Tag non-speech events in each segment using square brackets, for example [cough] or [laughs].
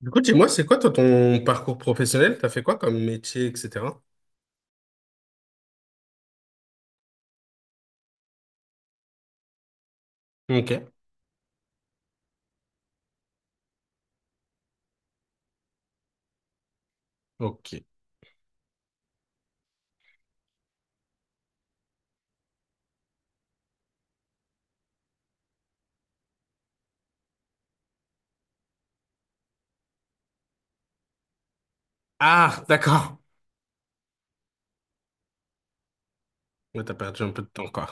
Du coup, dis-moi, c'est quoi toi ton parcours professionnel? T'as fait quoi comme métier, etc. Ok, ok. Ah, d'accord. Mais t'as perdu un peu de temps, quoi.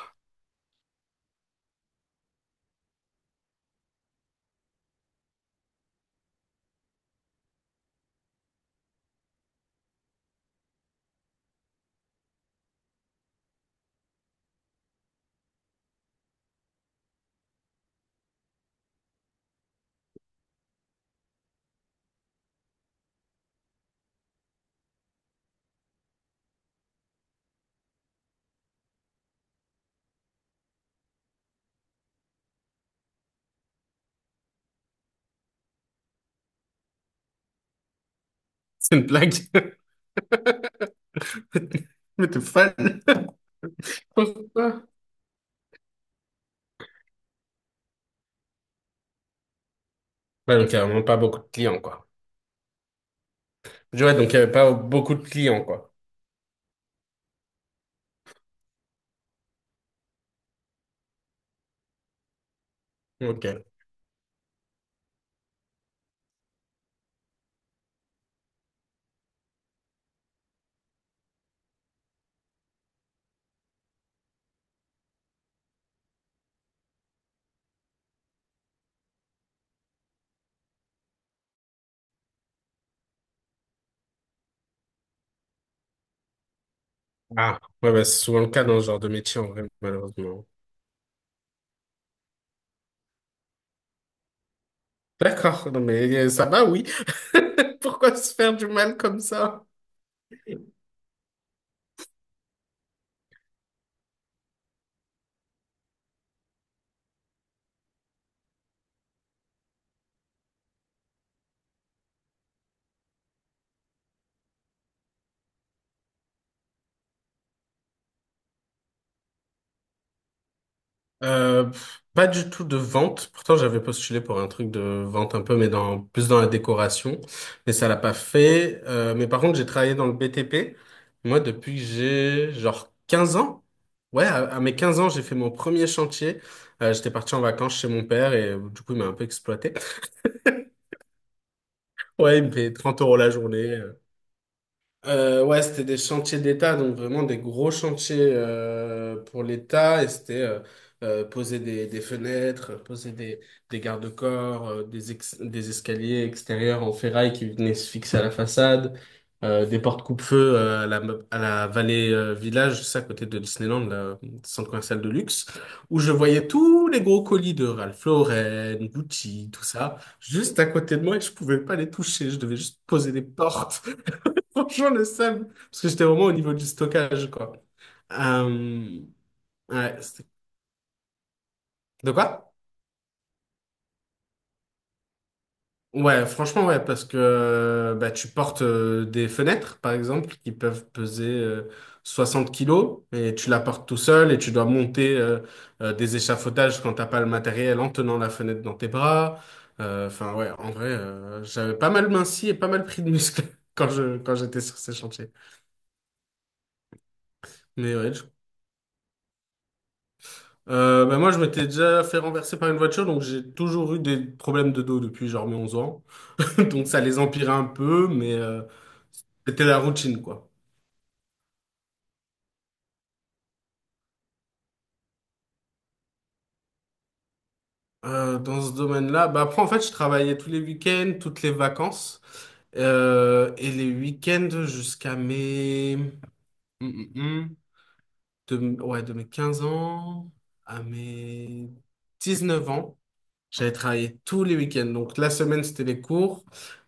[laughs] C'est une blague. [laughs] Mais t'es fan. [laughs] Pourquoi? Ouais, donc il y a vraiment pas beaucoup de clients, quoi. Je dis, Ouais, donc il y avait pas beaucoup de clients, quoi. Ok. Ah, ouais, bah, c'est souvent le cas dans ce genre de métier, en vrai, malheureusement. D'accord, non mais ça va, oui. [laughs] Pourquoi se faire du mal comme ça? Pff, pas du tout de vente. Pourtant, j'avais postulé pour un truc de vente un peu, mais dans plus dans la décoration. Mais ça l'a pas fait. Mais par contre, j'ai travaillé dans le BTP. Moi, depuis que j'ai genre 15 ans. Ouais, à mes 15 ans, j'ai fait mon premier chantier. J'étais parti en vacances chez mon père et du coup, il m'a un peu exploité. [laughs] Ouais, il me payait 30 € la journée. Ouais, c'était des chantiers d'État, donc vraiment des gros chantiers pour l'État. Et c'était poser des fenêtres, poser des garde-corps, des escaliers extérieurs en ferraille qui venaient se fixer à la façade, des portes coupe-feu à la Vallée Village, ça à côté de Disneyland, le centre commercial de luxe, où je voyais tous les gros colis de Ralph Lauren, Gucci, tout ça, juste à côté de moi et je pouvais pas les toucher. Je devais juste poser des portes. [laughs] Franchement, le seum. Parce que j'étais vraiment au niveau du stockage, quoi. Euh, ouais, de quoi? Ouais, franchement, ouais, parce que bah, tu portes des fenêtres, par exemple, qui peuvent peser 60 kilos, et tu la portes tout seul, et tu dois monter des échafaudages quand t'as pas le matériel en tenant la fenêtre dans tes bras. Enfin, ouais, en vrai, j'avais pas mal minci et pas mal pris de muscles [laughs] quand j'étais sur ces chantiers. Mais ouais, bah moi, je m'étais déjà fait renverser par une voiture, donc j'ai toujours eu des problèmes de dos depuis genre mes 11 ans. [laughs] Donc ça les empirait un peu, mais c'était la routine, quoi. Dans ce domaine-là, bah après, en fait, je travaillais tous les week-ends, toutes les vacances, et les week-ends jusqu'à mes... hum. De, ouais, de mes 15 ans à mes 19 ans. J'avais travaillé tous les week-ends. Donc la semaine, c'était les cours.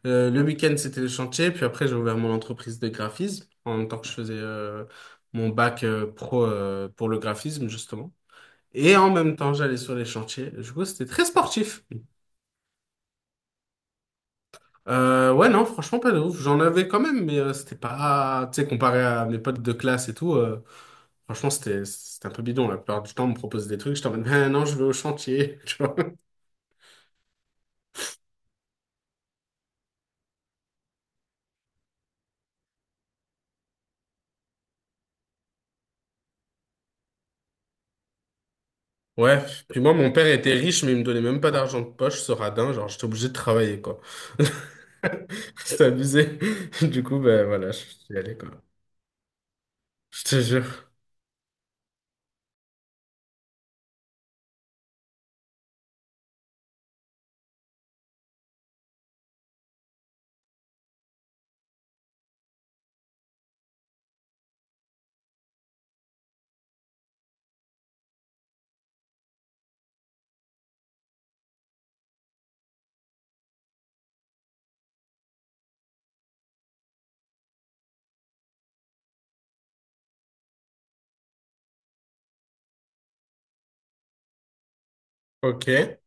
Le week-end, c'était les chantiers. Puis après, j'ai ouvert mon entreprise de graphisme en même temps que je faisais mon bac pro pour le graphisme, justement. Et en même temps, j'allais sur les chantiers. Du coup, c'était très sportif. Ouais, non, franchement, pas de ouf. J'en avais quand même, mais c'était pas... Tu sais, comparé à mes potes de classe et tout, franchement, c'était un peu bidon. La plupart du temps, on me propose des trucs. Je t'emmène, [laughs] ben non, je vais au chantier. [laughs] Ouais, puis moi, mon père était riche, mais il me donnait même pas d'argent de poche, ce radin. Genre, j'étais obligé de travailler, quoi. [laughs] C'est abusé. Du coup, ben voilà, je suis allé, quoi. Je te jure. Ok.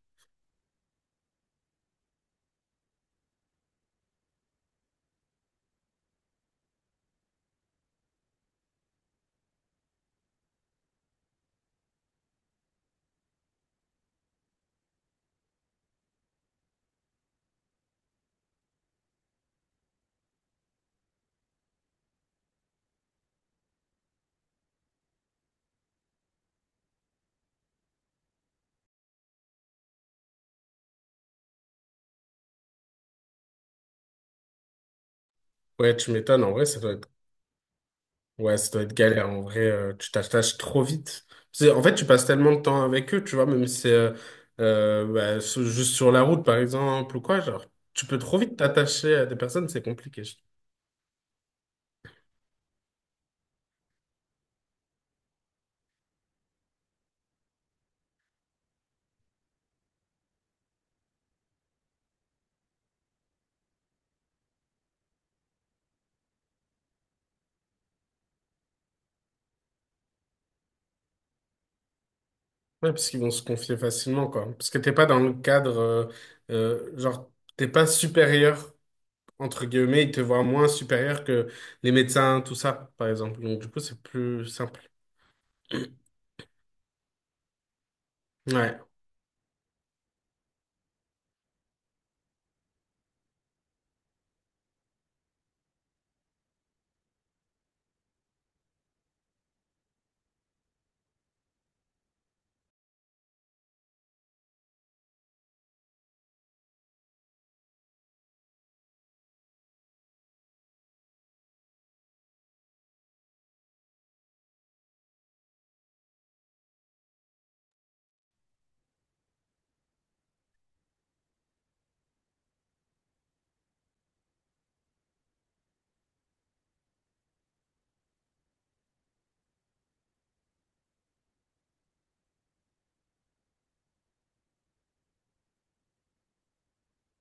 Ouais, tu m'étonnes. En vrai, ça doit être... Ouais, ça doit être galère. En vrai, tu t'attaches trop vite. En fait, tu passes tellement de temps avec eux, tu vois, même si c'est bah, juste sur la route, par exemple, ou quoi, genre, tu peux trop vite t'attacher à des personnes, c'est compliqué. Ouais, parce qu'ils vont se confier facilement, quoi. Parce que t'es pas dans le cadre, genre, t'es pas supérieur, entre guillemets, ils te voient moins supérieur que les médecins, tout ça, par exemple. Donc, du coup, c'est plus simple. [clears throat] Ouais,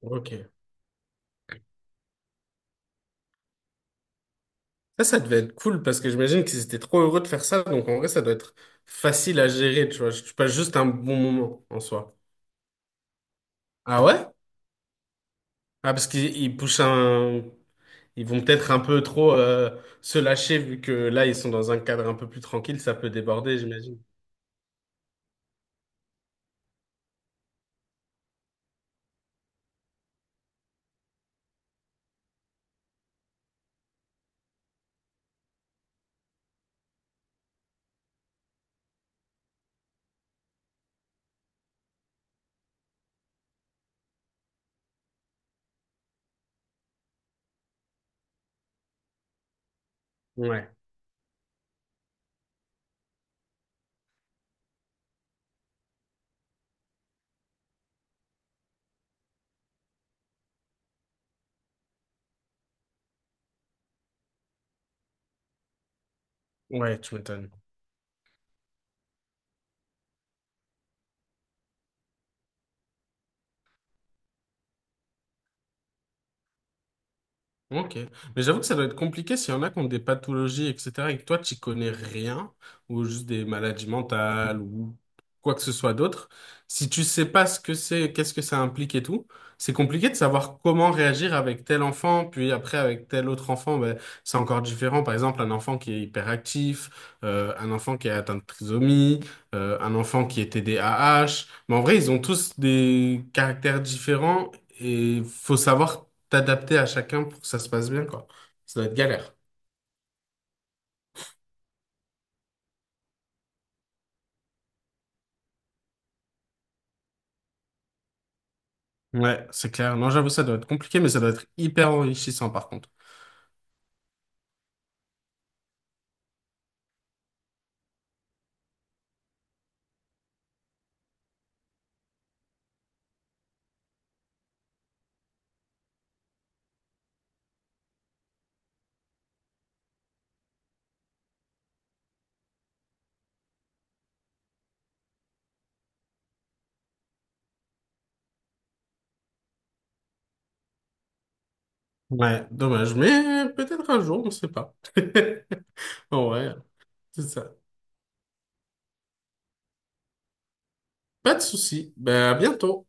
ok. Ça devait être cool, parce que j'imagine qu'ils étaient trop heureux de faire ça, donc en vrai, ça doit être facile à gérer, tu vois. Tu passes juste un bon moment, en soi. Ah ouais? Ah, parce qu'ils poussent un... Ils vont peut-être un peu trop se lâcher, vu que là, ils sont dans un cadre un peu plus tranquille, ça peut déborder, j'imagine. Ouais, ouais, tu m'étonnes. Ok. Mais j'avoue que ça doit être compliqué s'il y en a qui ont des pathologies, etc. et que toi, tu connais rien, ou juste des maladies mentales, ou quoi que ce soit d'autre. Si tu sais pas ce que c'est, qu'est-ce que ça implique et tout, c'est compliqué de savoir comment réagir avec tel enfant, puis après avec tel autre enfant, ben, c'est encore différent. Par exemple, un enfant qui est hyperactif, un enfant qui est atteint de trisomie, un enfant qui est TDAH. Mais en vrai, ils ont tous des caractères différents et faut savoir t'adapter à chacun pour que ça se passe bien, quoi. Ça doit être galère. Ouais, c'est clair. Non, j'avoue, ça doit être compliqué, mais ça doit être hyper enrichissant, par contre. Ouais, dommage, mais peut-être un jour, on ne sait pas. [laughs] Ouais, c'est ça. Pas de souci. Ben, à bientôt.